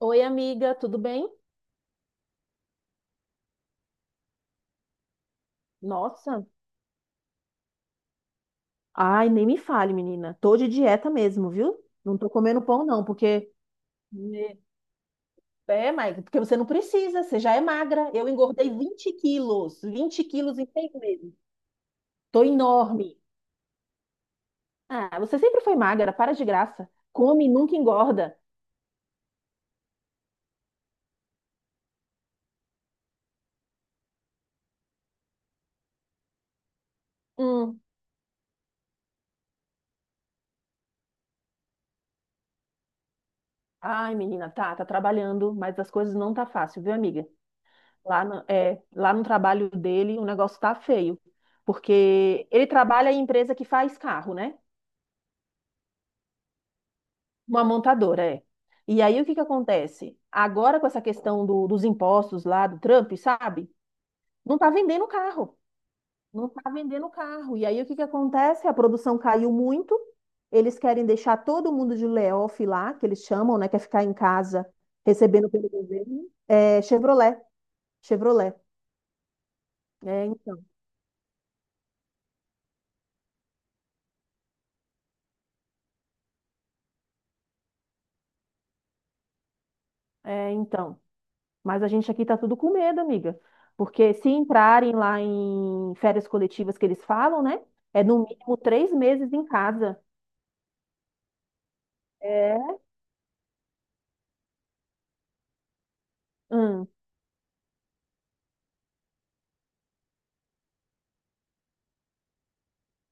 Oi, amiga, tudo bem? Nossa, ai, nem me fale, menina. Tô de dieta mesmo, viu? Não tô comendo pão, não, porque. Me- é, Maica, porque você não precisa, você já é magra. Eu engordei 20 quilos, 20 quilos em 6 meses. Tô enorme. Ah, você sempre foi magra, para de graça. Come e nunca engorda. Hum. Ai, menina, tá, tá trabalhando, mas as coisas não tá fácil, viu, amiga? Lá no, é, lá no trabalho dele, o negócio tá feio, porque ele trabalha em empresa que faz carro, né? Uma montadora, é. E aí o que que acontece? Agora com essa questão do- dos impostos lá do Trump, sabe? Não tá vendendo carro. Não tá vendendo carro. E aí o que que acontece? A produção caiu muito. Eles querem deixar todo mundo de layoff lá, que eles chamam, né? Quer ficar em casa recebendo pelo governo. É Chevrolet. Chevrolet. É, então. É, então. Mas a gente aqui tá tudo com medo, amiga. Porque se entrarem lá em férias coletivas que eles falam, né? É no mínimo 3 meses em casa. É? Hum.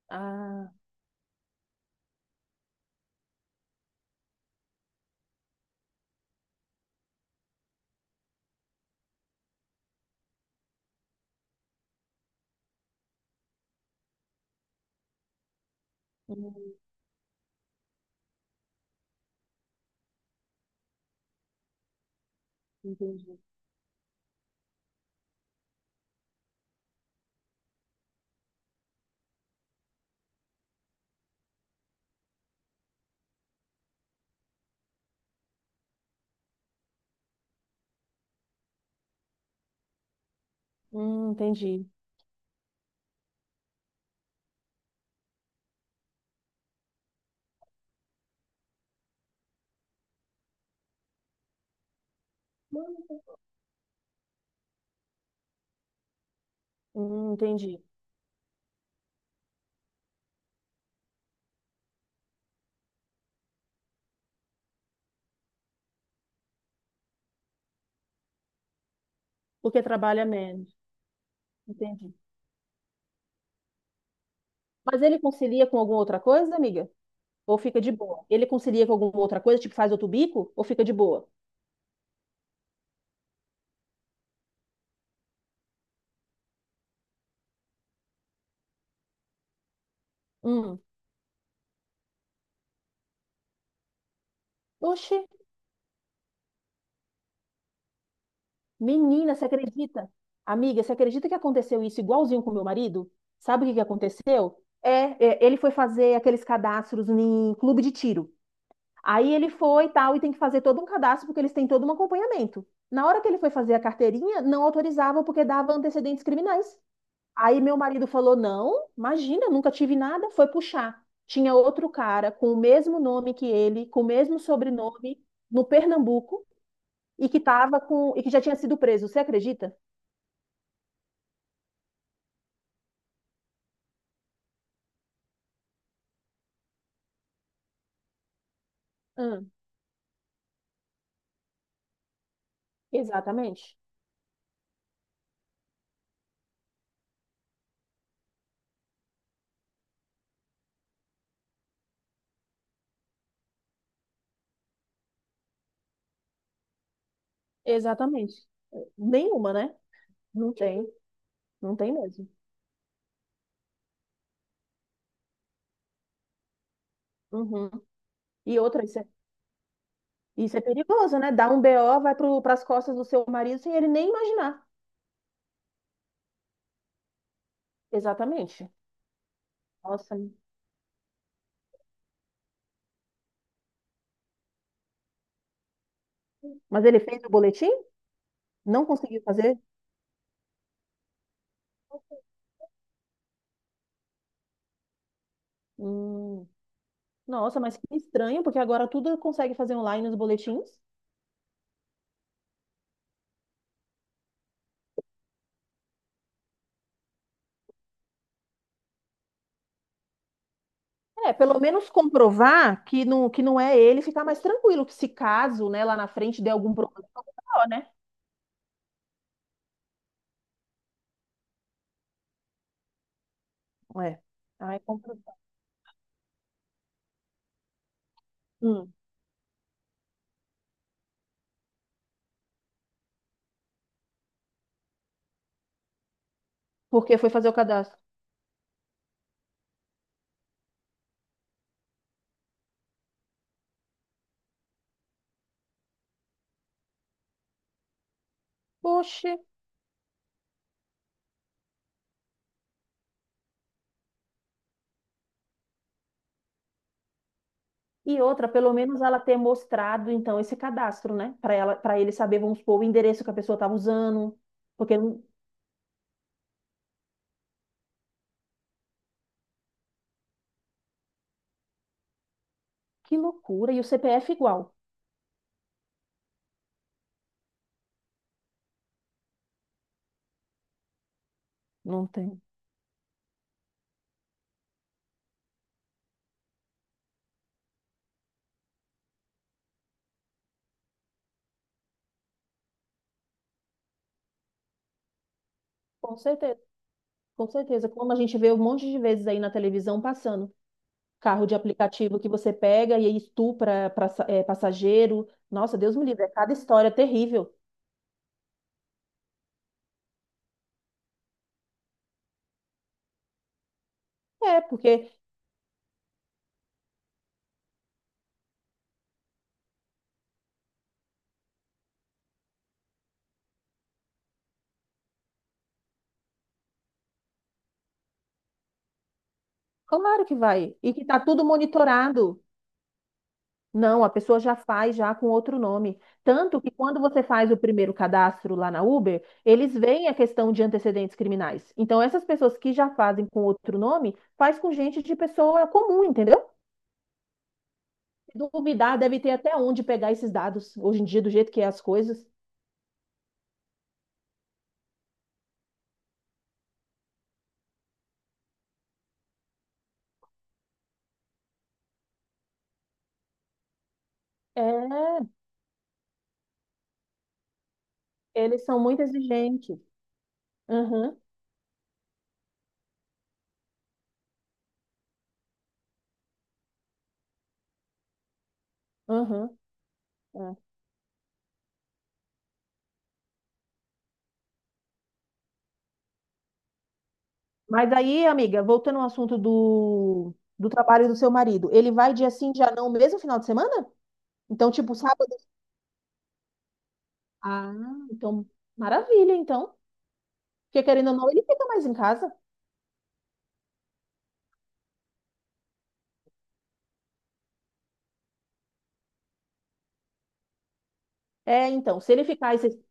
Ah, hum, entendi. Entendi. Entendi. Porque trabalha menos. Entendi. Mas ele concilia com alguma outra coisa, amiga? Ou fica de boa? Ele concilia com alguma outra coisa, tipo faz outro bico? Ou fica de boa? Hum. Oxi. Menina, você acredita? Amiga, você acredita que aconteceu isso igualzinho com meu marido? Sabe o que que aconteceu? Ele foi fazer aqueles cadastros em clube de tiro. Aí ele foi e tal, e tem que fazer todo um cadastro porque eles têm todo um acompanhamento. Na hora que ele foi fazer a carteirinha, não autorizavam porque dava antecedentes criminais. Aí meu marido falou: não, imagina, nunca tive nada. Foi puxar. Tinha outro cara com o mesmo nome que ele, com o mesmo sobrenome, no Pernambuco, e que tava com, e que já tinha sido preso. Você acredita? Hum, exatamente. Exatamente. Nenhuma, né? Não tem. Não tem mesmo. Uhum. E outra, isso é perigoso, né? Dá um BO, vai para as costas do seu marido sem ele nem imaginar. Exatamente. Nossa. Mas ele fez o boletim? Não conseguiu fazer? Hum. Nossa, mas que estranho, porque agora tudo consegue fazer online nos boletins. É, pelo menos comprovar que não é ele, ficar mais tranquilo, que se caso, né, lá na frente der algum problema, é o BO, né? É. Ai, compro- Hum. Porque foi fazer o cadastro. Poxa, e outra, pelo menos ela ter mostrado então esse cadastro, né? Para ela, para ele saber, vamos supor, o endereço que a pessoa estava usando. Porque não- que loucura, e o CPF igual. Não tem. Com certeza, com certeza. Como a gente vê um monte de vezes aí na televisão passando. Carro de aplicativo que você pega e aí estupra pra, é, passageiro. Nossa, Deus me livre, é cada história terrível. É, porque claro que vai. E que tá tudo monitorado. Não, a pessoa já faz já com outro nome. Tanto que quando você faz o primeiro cadastro lá na Uber, eles veem a questão de antecedentes criminais. Então, essas pessoas que já fazem com outro nome, faz com gente de pessoa comum, entendeu? Se duvidar, deve ter até onde pegar esses dados hoje em dia, do jeito que é as coisas. É, eles são muito exigentes. Uhum, uhum, é. Mas aí, amiga, voltando ao assunto do, do trabalho do seu marido, ele vai dia sim, dia não, mesmo final de semana? Então, tipo, sábado. Ah, então, maravilha, então. Porque querendo ou não, ele fica mais em casa. É, então, se ele ficar esses, se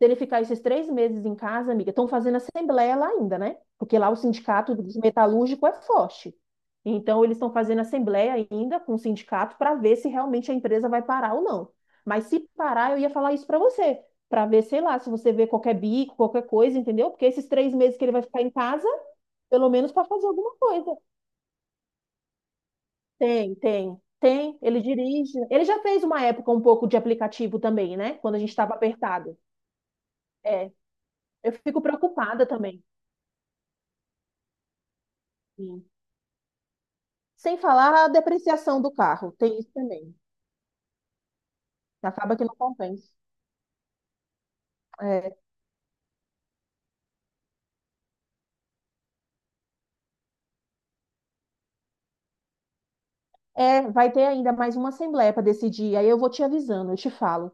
ele ficar esses 3 meses em casa, amiga, estão fazendo assembleia lá ainda, né? Porque lá o sindicato dos metalúrgicos é forte. Então, eles estão fazendo assembleia ainda com o sindicato para ver se realmente a empresa vai parar ou não. Mas se parar, eu ia falar isso para você, para ver, sei lá, se você vê qualquer bico, qualquer coisa, entendeu? Porque esses 3 meses que ele vai ficar em casa, pelo menos para fazer alguma coisa. Tem, tem, tem. Ele dirige. Ele já fez uma época um pouco de aplicativo também, né? Quando a gente estava apertado. É, eu fico preocupada também. Sim. Sem falar a depreciação do carro, tem isso também. Acaba que não compensa. É, vai ter ainda mais uma assembleia para decidir. Aí eu vou te avisando, eu te falo.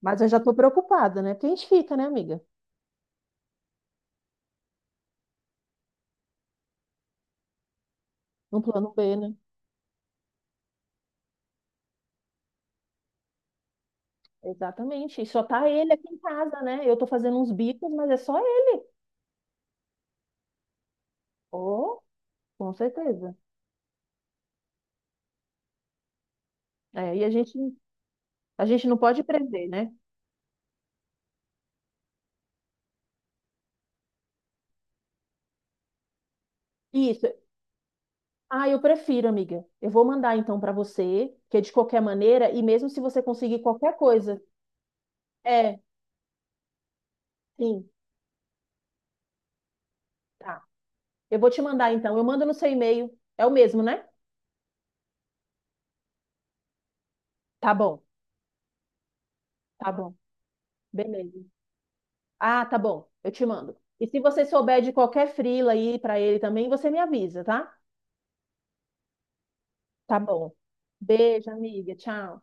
Mas eu já estou preocupada, né? Porque a gente fica, né, amiga? No plano B, né? Exatamente. E só tá ele aqui em casa, né? Eu tô fazendo uns bicos, mas é só ele. Oh, com certeza. É, e a gente a gente não pode prender, né? Isso. Ah, eu prefiro, amiga. Eu vou mandar então para você, que é de qualquer maneira, e mesmo se você conseguir qualquer coisa. É, sim, tá. Eu vou te mandar então. Eu mando no seu e-mail. É o mesmo, né? Tá bom, tá bom. Beleza. Ah, tá bom. Eu te mando. E se você souber de qualquer frila aí para ele também, você me avisa, tá? Tá bom. Beijo, amiga. Tchau.